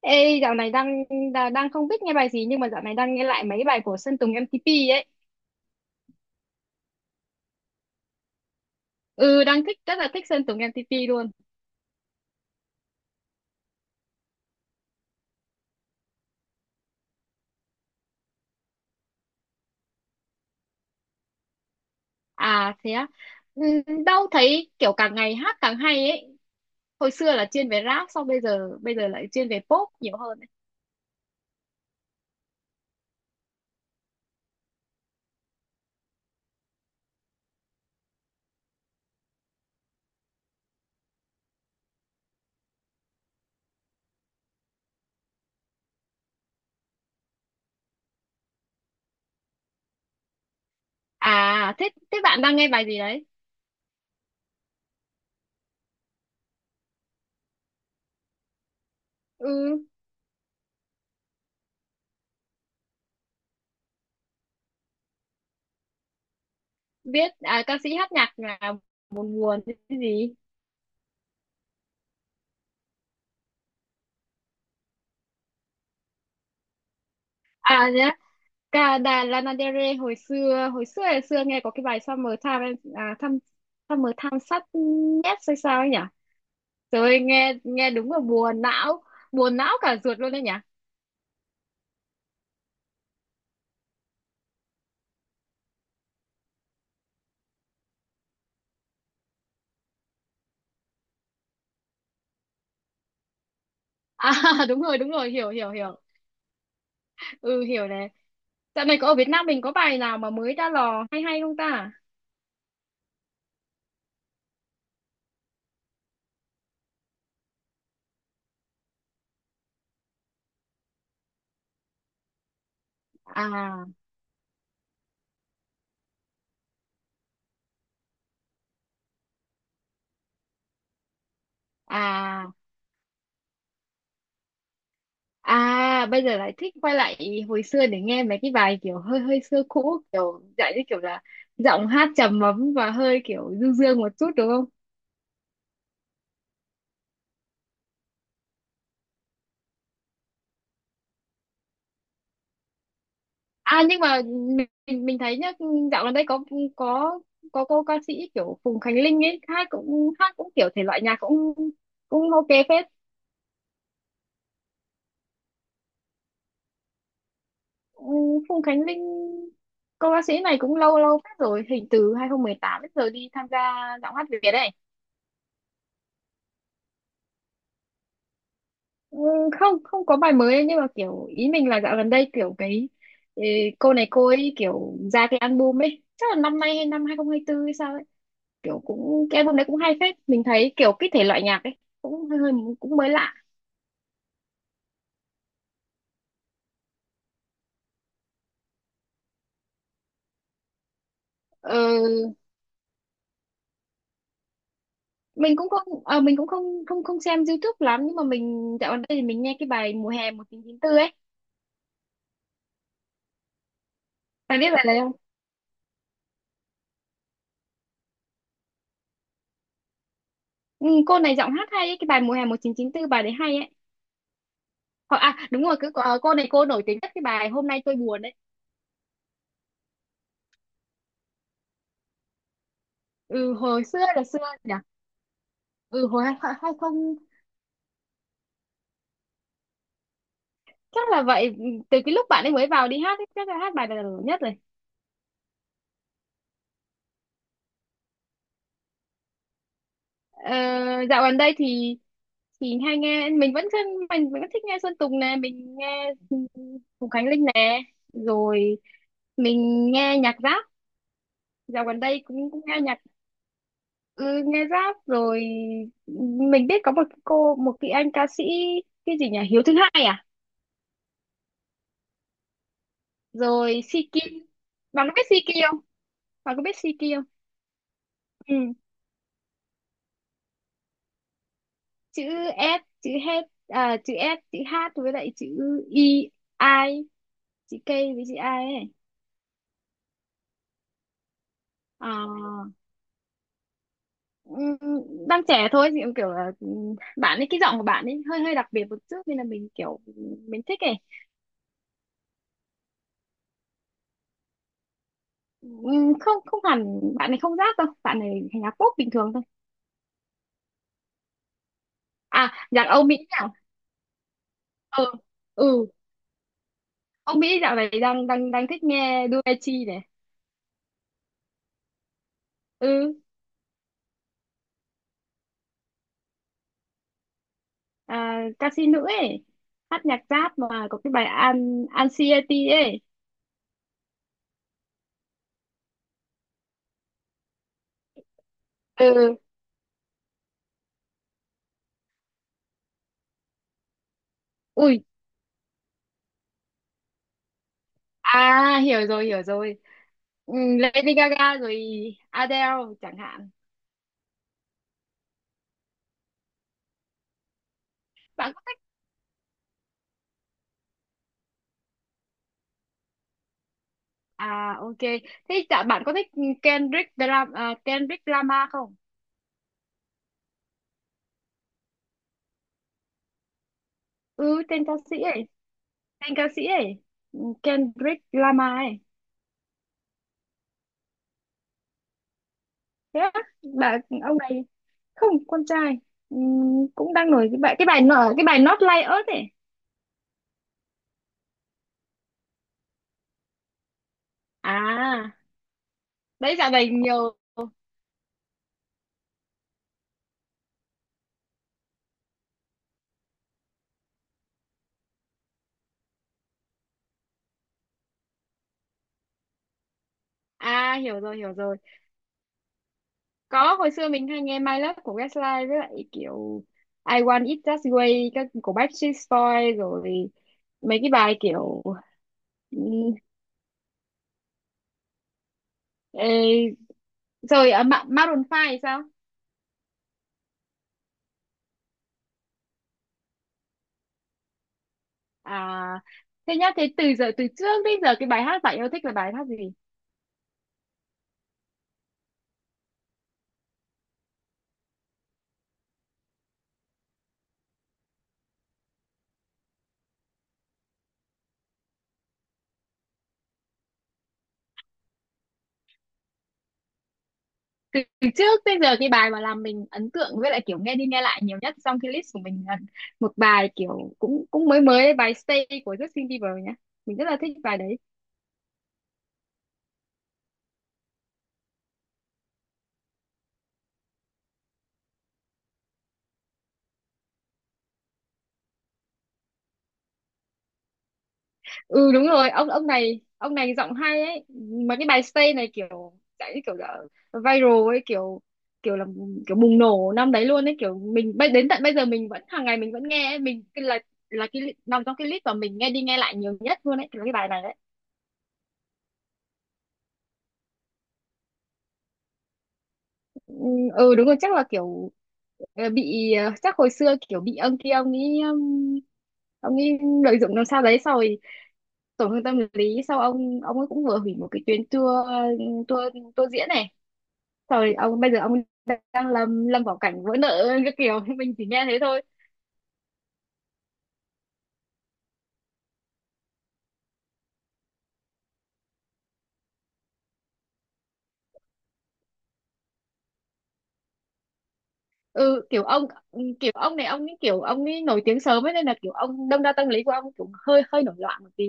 Ê, dạo này đang đang không biết nghe bài gì, nhưng mà dạo này đang nghe lại mấy bài của Sơn Tùng MTP ấy. Ừ, đang thích, rất là thích Sơn Tùng MTP luôn. À thế á. Ừ, đâu thấy kiểu càng ngày hát càng hay ấy. Hồi xưa là chuyên về rap, sau bây giờ lại chuyên về pop nhiều hơn ấy. À thế thế bạn đang nghe bài gì đấy? Ừ, biết à, ca sĩ hát nhạc là buồn buồn cái gì? À, cả đà Lana Del Rey hồi xưa nghe có cái bài Summer Time em- à, thăm Summer Time sắt nhét hay sao ấy nhỉ, rồi nghe nghe đúng là buồn não, buồn não cả ruột luôn đấy nhỉ. À, đúng rồi, đúng rồi, hiểu, hiểu. Ừ, hiểu này, dạo này có ở Việt Nam mình có bài nào mà mới ra lò hay hay không ta? À, à, à, bây giờ lại thích quay lại hồi xưa để nghe mấy cái bài kiểu hơi hơi xưa cũ, kiểu dạng như kiểu là giọng hát trầm ấm và hơi kiểu du dương một chút đúng không? À nhưng mà mình thấy nhá, dạo gần đây có có cô ca sĩ kiểu Phùng Khánh Linh ấy, hát cũng kiểu thể loại nhạc cũng cũng ok phết. Ừ, Phùng Khánh Linh, cô ca sĩ này cũng lâu lâu phết rồi, hình từ 2018 đến giờ đi tham gia giọng hát Việt đấy. Ừ, không, không có bài mới ấy, nhưng mà kiểu ý mình là dạo gần đây kiểu cái, ừ, cô này cô ấy kiểu ra cái album ấy, chắc là năm nay hay năm 2024 hay sao, kiểu cũng cái album đấy cũng hay phết. Mình thấy kiểu cái thể loại nhạc ấy cũng hơi hơi, cũng mới lạ. ờ, mình cũng không, mình cũng không không không xem YouTube lắm, nhưng mà mình dạo gần đây thì mình nghe cái bài mùa hè 1994 ấy, bạn biết bài này không? Ừ, cô này giọng hát hay ấy, cái bài mùa hè 1994 bài đấy hay ấy. Hoặc à đúng rồi, cứ cô này cô nổi tiếng nhất cái bài hôm nay tôi buồn đấy. Ừ, hồi xưa là xưa nhỉ. Ừ, hồi hai, hai không, chắc là vậy. Ừ, từ cái lúc bạn ấy mới vào đi hát ấy, chắc là hát bài này là nổi nhất rồi. ờ, Dạo gần đây thì hay nghe mình vẫn thân mình vẫn thích nghe Sơn Tùng nè, mình nghe Hùng Khánh Linh nè, rồi mình nghe nhạc rap. Dạo gần đây cũng, cũng nghe nhạc. Ừ, nghe rap rồi. Mình biết có một cái anh ca sĩ, cái gì nhỉ, Hiếu thứ hai à, rồi Siki. Bạn có biết Siki không? Bạn có biết Siki không? Ừ. Chữ S, chữ H, à, chữ S chữ H với lại chữ I, I, chữ K với chữ I ấy. Ờ, ừm, đang trẻ thôi, thì cũng kiểu là, bạn ấy cái giọng của bạn ấy hơi hơi đặc biệt một chút, nên là mình kiểu mình thích ấy. Không, không hẳn bạn ấy không rap đâu, bạn ấy nhạc pop bình thường thôi. À nhạc Âu Mỹ nào. Ừ, ừ, Âu Mỹ dạo này đang đang đang thích nghe Doechii này. Ừ. À, ca sĩ nữ ấy, hát nhạc rap mà có cái bài An Anxiety ấy. Ừ. Ui, à hiểu rồi, hiểu rồi. Ừ, Lady Gaga rồi Adele chẳng hạn. Bạn có, à ok. Thế chả bạn có thích Kendrick Lamar không? Ừ tên ca sĩ ấy, tên ca sĩ ấy, ừ, Kendrick Lamar ấy. Thế á, bà ông này, không, con trai. Ừ, cũng đang nổi cái bài, cái bài nở cái bài Not Like Us ấy. À, đấy dạo này nhiều. À hiểu rồi, hiểu rồi. Có, hồi xưa mình hay nghe My Love của Westlife, với lại kiểu I Want It That Way các của Backstreet Boys, rồi mấy cái bài kiểu, ừ, rồi Maroon 5 thì sao? À thế nhá, thế từ giờ, từ trước đến giờ cái bài hát bạn yêu thích là bài hát gì? Từ, từ trước đến giờ cái bài mà làm mình ấn tượng với lại kiểu nghe đi nghe lại nhiều nhất trong cái list của mình là một bài kiểu cũng, cũng mới mới đấy, bài Stay của Justin Bieber nhá. Mình rất là thích bài đấy. Ừ đúng rồi, ông này giọng hay ấy, mà cái bài Stay này kiểu dạng như kiểu là viral ấy, kiểu kiểu là kiểu bùng nổ năm đấy luôn ấy. Kiểu mình đến tận bây giờ mình vẫn hàng ngày mình vẫn nghe ấy. Mình cái là cái nằm trong cái list mà mình nghe đi nghe lại nhiều nhất luôn ấy là cái bài này đấy. Ừ, ừ, đúng rồi, chắc là kiểu, chắc hồi xưa kiểu bị ông kia ông ấy lợi dụng làm sao đấy, sau rồi tổn thương tâm lý, sau ông ấy cũng vừa hủy một cái tuyến tour, tour diễn này. Rồi ông bây giờ ông đang lâm lâm vào cảnh vỡ nợ cái kiểu, mình chỉ nghe thế thôi. Ừ kiểu ông, kiểu ông này ông ấy kiểu ông ấy nổi tiếng sớm ấy, nên là kiểu ông đâm ra tâm lý của ông cũng hơi hơi nổi loạn một tí.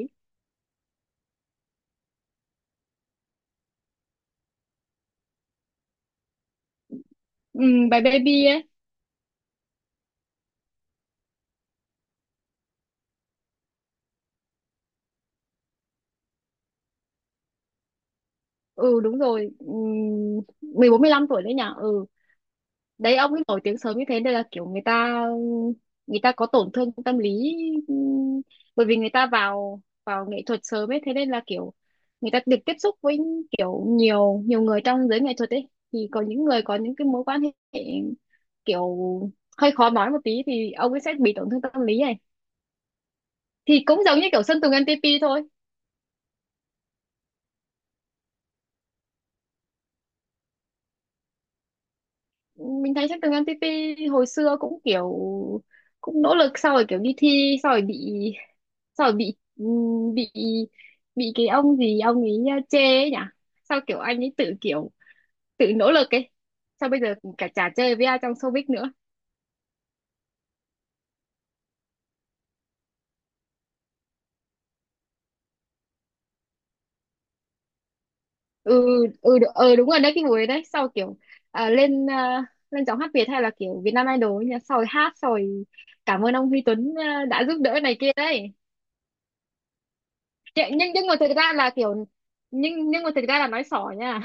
Ừ, bài baby ấy. Ừ đúng rồi. Ừ, 14 15 tuổi đấy nhỉ. Ừ đấy ông ấy nổi tiếng sớm như thế nên là kiểu người ta có tổn thương tâm lý. Ừm, bởi vì người ta vào vào nghệ thuật sớm ấy, thế nên là kiểu người ta được tiếp xúc với kiểu nhiều nhiều người trong giới nghệ thuật ấy, thì có những người có những cái mối quan hệ kiểu hơi khó nói một tí, thì ông ấy sẽ bị tổn thương tâm lý này. Thì cũng giống như kiểu Sơn Tùng MTP thôi. Mình thấy trên tường MTP hồi xưa cũng kiểu cũng nỗ lực, sau rồi kiểu đi thi, sau rồi bị, sau rồi bị bị cái ông gì ông ấy chê ấy nhỉ. Sao kiểu anh ấy tự kiểu tự nỗ lực ấy, sao bây giờ cả chả chơi với ai trong showbiz nữa. Ừ, ừ đúng rồi đấy, cái buổi đấy sau kiểu, lên lên giọng hát Việt hay là kiểu Việt Nam Idol ấy nhỉ, sau rồi hát, sau rồi cảm ơn ông Huy Tuấn à, đã giúp đỡ này kia đấy. Nhưng mà thực ra là kiểu, nhưng mà thực ra là nói xỏ nha.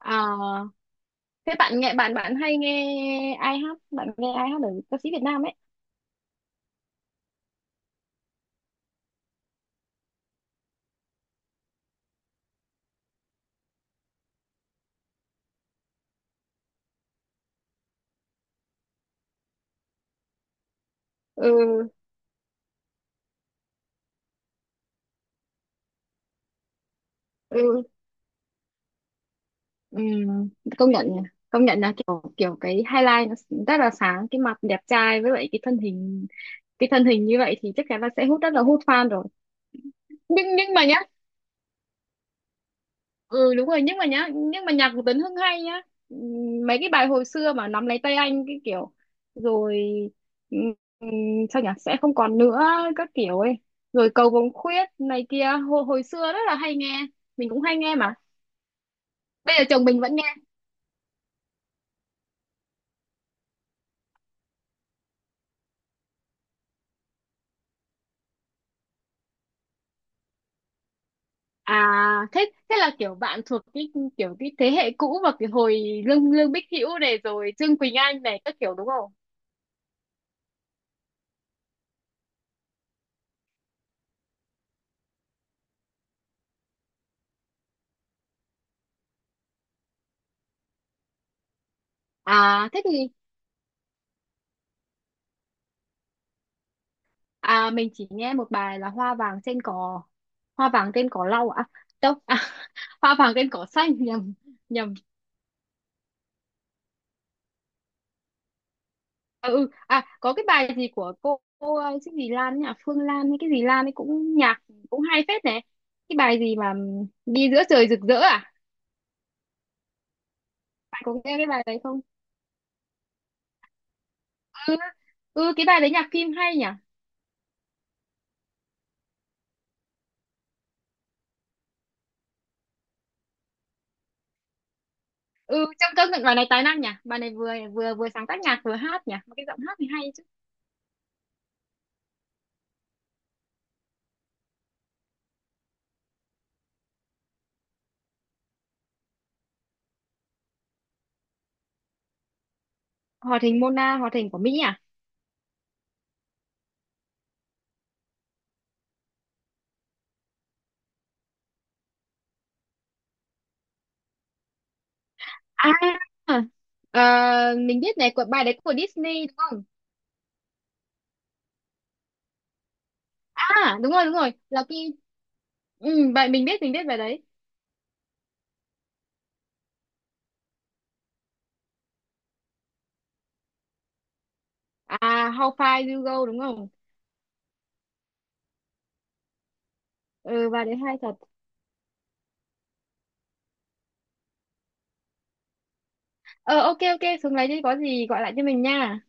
À, thế bạn nghe, bạn bạn hay nghe ai hát, bạn nghe ai hát ở ca sĩ Việt Nam ấy? Ừ, ừ, ừm, công nhận nhỉ. Công nhận là kiểu, kiểu cái highlight nó rất là sáng, cái mặt đẹp trai với lại cái thân hình, cái thân hình như vậy thì chắc chắn là sẽ hút, rất là hút fan rồi. Nhưng mà nhá, ừ đúng rồi, nhưng mà nhá, nhưng mà nhạc của Tấn Hưng hay nhá. Mấy cái bài hồi xưa mà nắm lấy tay anh cái kiểu, rồi, ừm, ừm, sao nhỉ, sẽ không còn nữa các kiểu ấy, rồi cầu vồng khuyết này kia, hồi xưa rất là hay nghe. Mình cũng hay nghe mà, bây giờ chồng mình vẫn nghe. À thế thế là kiểu bạn thuộc cái kiểu cái thế hệ cũ, và cái hồi Lương Lương Bích Hữu này, rồi Trương Quỳnh Anh này, các kiểu đúng không? À thế thì, à mình chỉ nghe một bài là Hoa vàng trên cỏ, hoa vàng trên cỏ lau à, đâu à, hoa vàng trên cỏ xanh, nhầm, nhầm. Ừ, à có cái bài gì của cô, cái gì Lan ấy nhỉ, Phương Lan hay cái gì Lan ấy, cũng nhạc cũng hay phết này. Cái bài gì mà đi giữa trời rực rỡ à, bạn có nghe cái bài đấy không? Ừ, ừ, cái bài đấy nhạc phim hay nhỉ. Ừ trong, công nhận bài này tài năng nhỉ, bài này vừa vừa vừa sáng tác nhạc vừa hát nhỉ, mà cái giọng hát thì hay chứ. Hoạt hình Mona, hoạt hình của Mỹ à. À, ờ, mình biết này, của bài đấy của Disney đúng không? À đúng rồi đúng rồi, là cái, ừ, vậy mình biết, mình biết bài đấy. À How Far You Go đúng không? Ừ bài đấy hay thật. Ờ ok ok, xuống lấy đi, có gì gọi lại cho mình nha.